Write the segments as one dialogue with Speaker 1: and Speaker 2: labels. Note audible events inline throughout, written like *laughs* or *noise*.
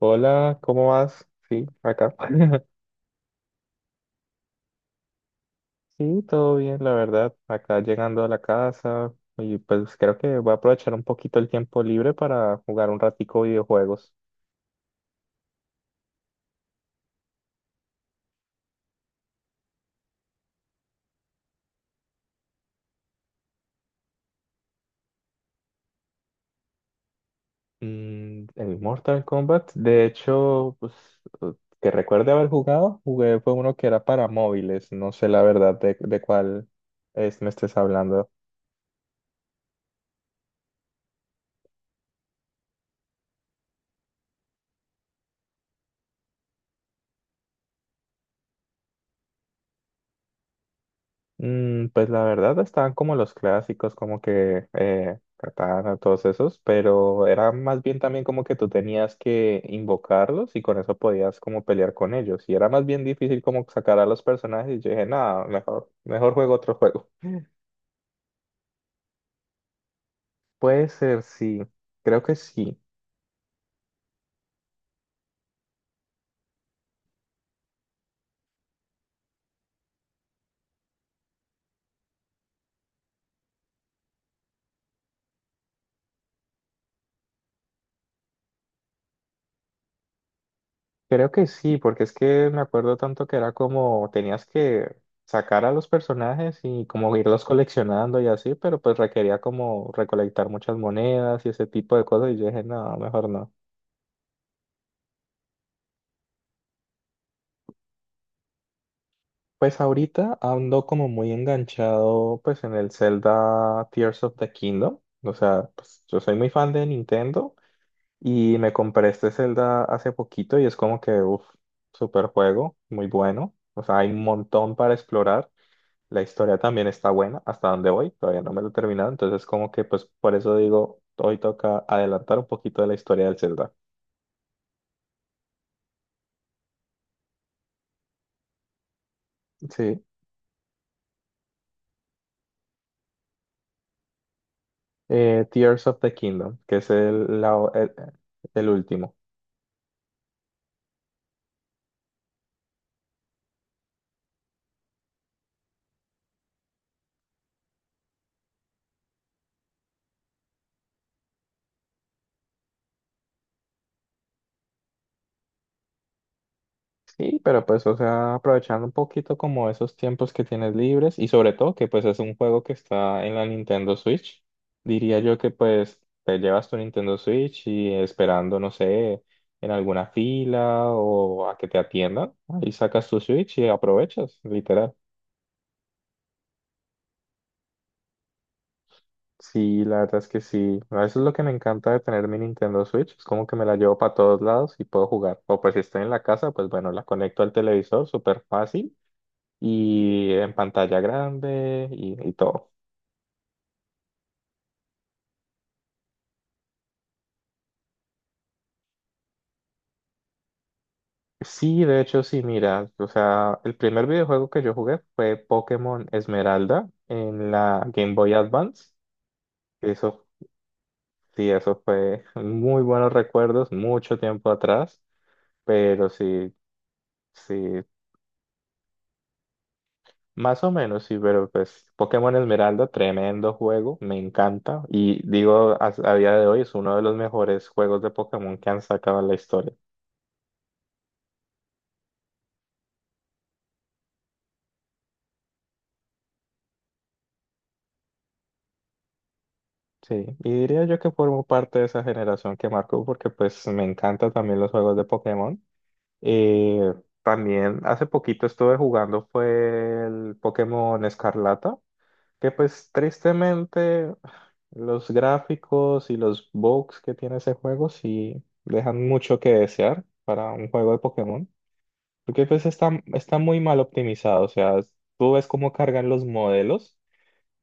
Speaker 1: Hola, ¿cómo vas? Sí, acá. *laughs* Sí, todo bien, la verdad. Acá llegando a la casa y pues creo que voy a aprovechar un poquito el tiempo libre para jugar un ratico videojuegos. Mm, el Mortal Kombat, de hecho, pues eh, que recuerde haber jugado, jugué fue uno que era para móviles. No sé la verdad de cuál es me estés hablando. Mm, pues la verdad estaban como los clásicos, como que Katana, todos esos, pero era más bien también como que tú tenías que invocarlos y con eso podías como pelear con ellos. Y era más bien difícil como sacar a los personajes y yo dije, nada, mejor juego otro juego. Puede ser, sí, creo que sí. Creo que sí, porque es que me acuerdo tanto que era como tenías que sacar a los personajes y como irlos coleccionando y así, pero pues requería como recolectar muchas monedas y ese tipo de cosas y yo dije, no, mejor no. Pues ahorita ando como muy enganchado pues en el Zelda Tears of the Kingdom, o sea, pues yo soy muy fan de Nintendo y me compré este Zelda hace poquito y es como que, uff, super juego, muy bueno, o sea, hay un montón para explorar. La historia también está buena, hasta donde voy, todavía no me lo he terminado, entonces como que pues por eso digo, hoy toca adelantar un poquito de la historia del Zelda. Sí, Tears of the Kingdom, que es el último. Sí, pero pues, o sea, aprovechando un poquito como esos tiempos que tienes libres y sobre todo que pues es un juego que está en la Nintendo Switch, diría yo que pues te llevas tu Nintendo Switch y esperando, no sé, en alguna fila o a que te atiendan, ahí sacas tu Switch y aprovechas, literal. Sí, la verdad es que sí. Eso es lo que me encanta de tener mi Nintendo Switch. Es como que me la llevo para todos lados y puedo jugar. O pues si estoy en la casa, pues bueno, la conecto al televisor, súper fácil, y en pantalla grande y todo. Sí, de hecho, sí, mira, o sea, el primer videojuego que yo jugué fue Pokémon Esmeralda en la Game Boy Advance. Eso, sí, eso fue *laughs* muy buenos recuerdos, mucho tiempo atrás, pero sí, sí, más o menos, sí, pero pues Pokémon Esmeralda, tremendo juego, me encanta y digo, a día de hoy es uno de los mejores juegos de Pokémon que han sacado en la historia. Sí, y diría yo que formo parte de esa generación que marcó porque pues me encantan también los juegos de Pokémon. Eh, También hace poquito estuve jugando fue el Pokémon Escarlata, que pues tristemente los gráficos y los bugs que tiene ese juego sí dejan mucho que desear para un juego de Pokémon, porque pues está muy mal optimizado, o sea, tú ves cómo cargan los modelos,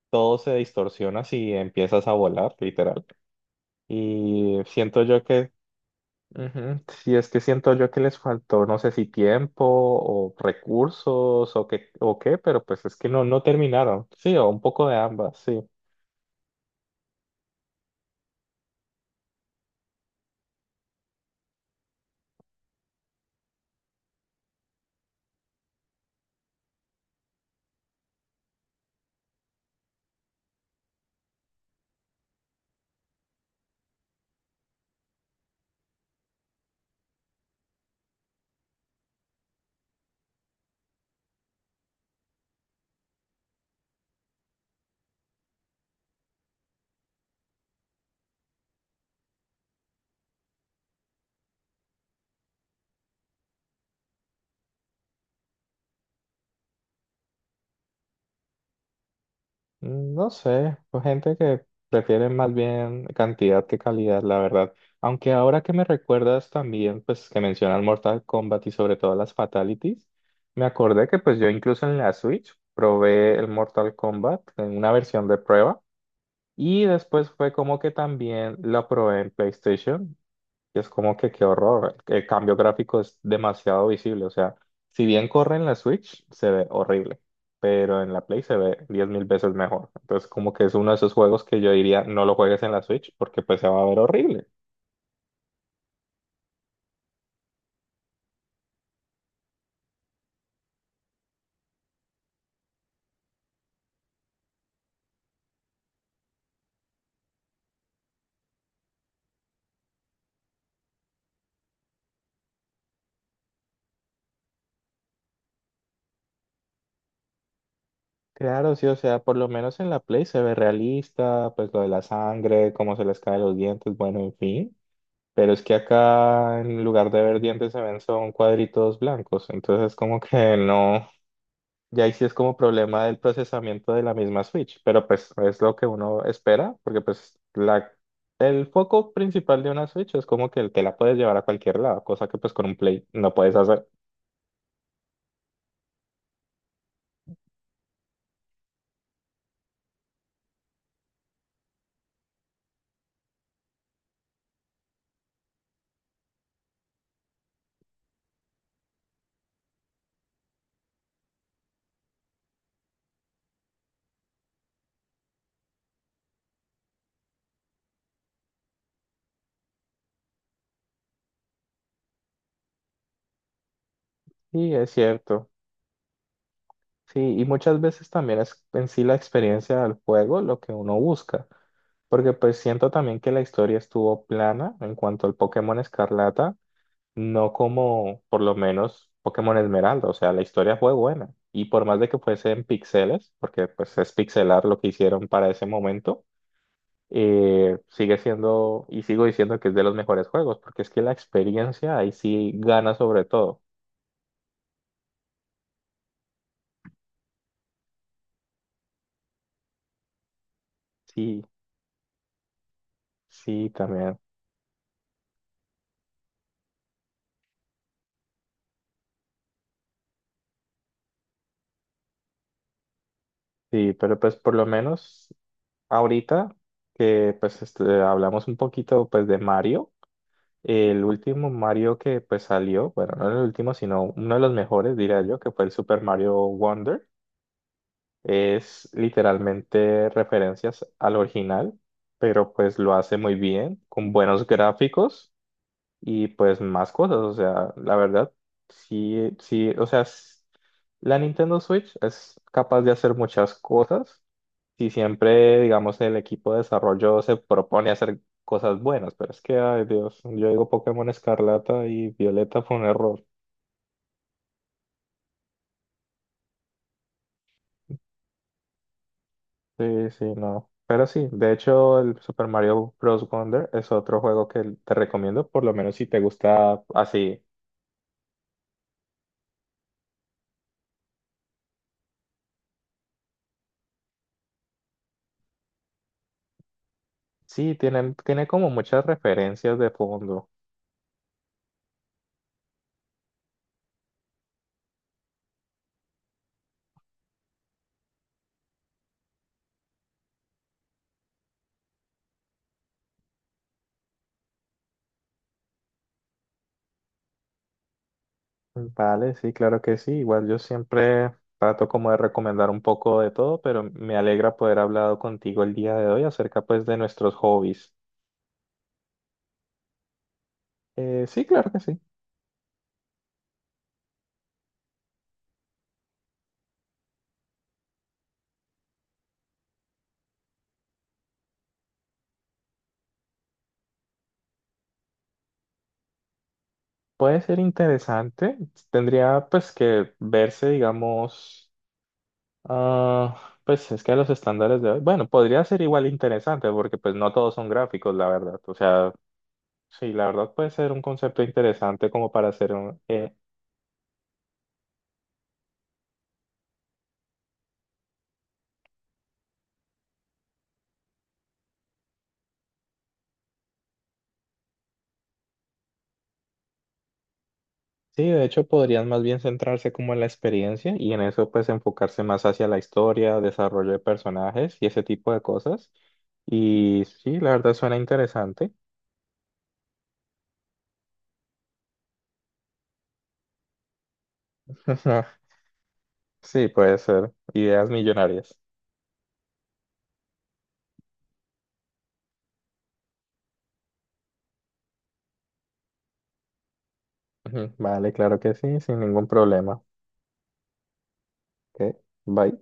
Speaker 1: todo se distorsiona si empiezas a volar, literal. Y siento yo que, ujú, si es que siento yo que les faltó, no sé si tiempo o recursos o qué, pero pues es que no, no terminaron. Sí, o un poco de ambas, sí. Mm, no sé, pues gente que prefiere más bien cantidad que calidad, la verdad. Aunque ahora que me recuerdas también, pues que mencionas Mortal Kombat y sobre todo las Fatalities, me acordé que pues yo incluso en la Switch probé el Mortal Kombat en una versión de prueba. Y después fue como que también la probé en PlayStation. Y es como que qué horror. El cambio gráfico es demasiado visible. O sea, si bien corre en la Switch, se ve horrible. Pero en la Play se ve 10.000 veces mejor. Entonces, como que es uno de esos juegos que yo diría, no lo juegues en la Switch porque pues se va a ver horrible. Claro, sí, o sea, por lo menos en la Play se ve realista, pues lo de la sangre, cómo se les caen los dientes, bueno, en fin. Pero es que acá en lugar de ver dientes se ven son cuadritos blancos, entonces es como que no, ya ahí sí es como problema del procesamiento de la misma Switch, pero pues es lo que uno espera, porque pues la, el foco principal de una Switch es como que te la puedes llevar a cualquier lado, cosa que pues con un Play no puedes hacer. Y es cierto, sí, y muchas veces también es en sí la experiencia del juego lo que uno busca. Porque pues siento también que la historia estuvo plana en cuanto al Pokémon Escarlata. No como por lo menos Pokémon Esmeralda, o sea, la historia fue buena. Y por más de que fuese en píxeles, porque pues es pixelar lo que hicieron para ese momento, sigue siendo y sigo diciendo que es de los mejores juegos, porque es que la experiencia ahí sí gana sobre todo. Sí, sí, también. Sí, pero pues por lo menos ahorita que pues este, hablamos un poquito pues de Mario. El último Mario que pues salió, bueno, no el último, sino uno de los mejores, diría yo, que fue el Super Mario Wonder. Es literalmente referencias al original, pero pues lo hace muy bien, con buenos gráficos y pues más cosas, o sea, la verdad, sí, sí, o sea, s- la Nintendo Switch es capaz de hacer muchas cosas si siempre, digamos, el equipo de desarrollo se propone hacer cosas buenas, pero es que, ay Dios, yo digo Pokémon Escarlata y Violeta fue un error. Sí, sí, no. Pero sí, de hecho, el Super Mario Bros. Wonder es otro juego que te recomiendo, por lo menos si te gusta así. Sí, tienen, tiene como muchas referencias de fondo. Vale, sí, claro que sí. Igual yo siempre trato como de recomendar un poco de todo, pero me alegra poder hablado contigo el día de hoy acerca pues de nuestros hobbies. Sí, claro que sí. Puede ser interesante. Tendría pues que verse, digamos, ah, pues es que los estándares de hoy, bueno, podría ser igual interesante porque pues no todos son gráficos, la verdad. O sea, sí, la verdad puede ser un concepto interesante como para hacer un, sí, de hecho podrían más bien centrarse como en la experiencia y en eso pues enfocarse más hacia la historia, desarrollo de personajes y ese tipo de cosas. Y sí, la verdad suena interesante. *laughs* Sí, puede ser. Ideas millonarias. Ujú, vale, claro que sí, sin ningún problema. Ok, bye.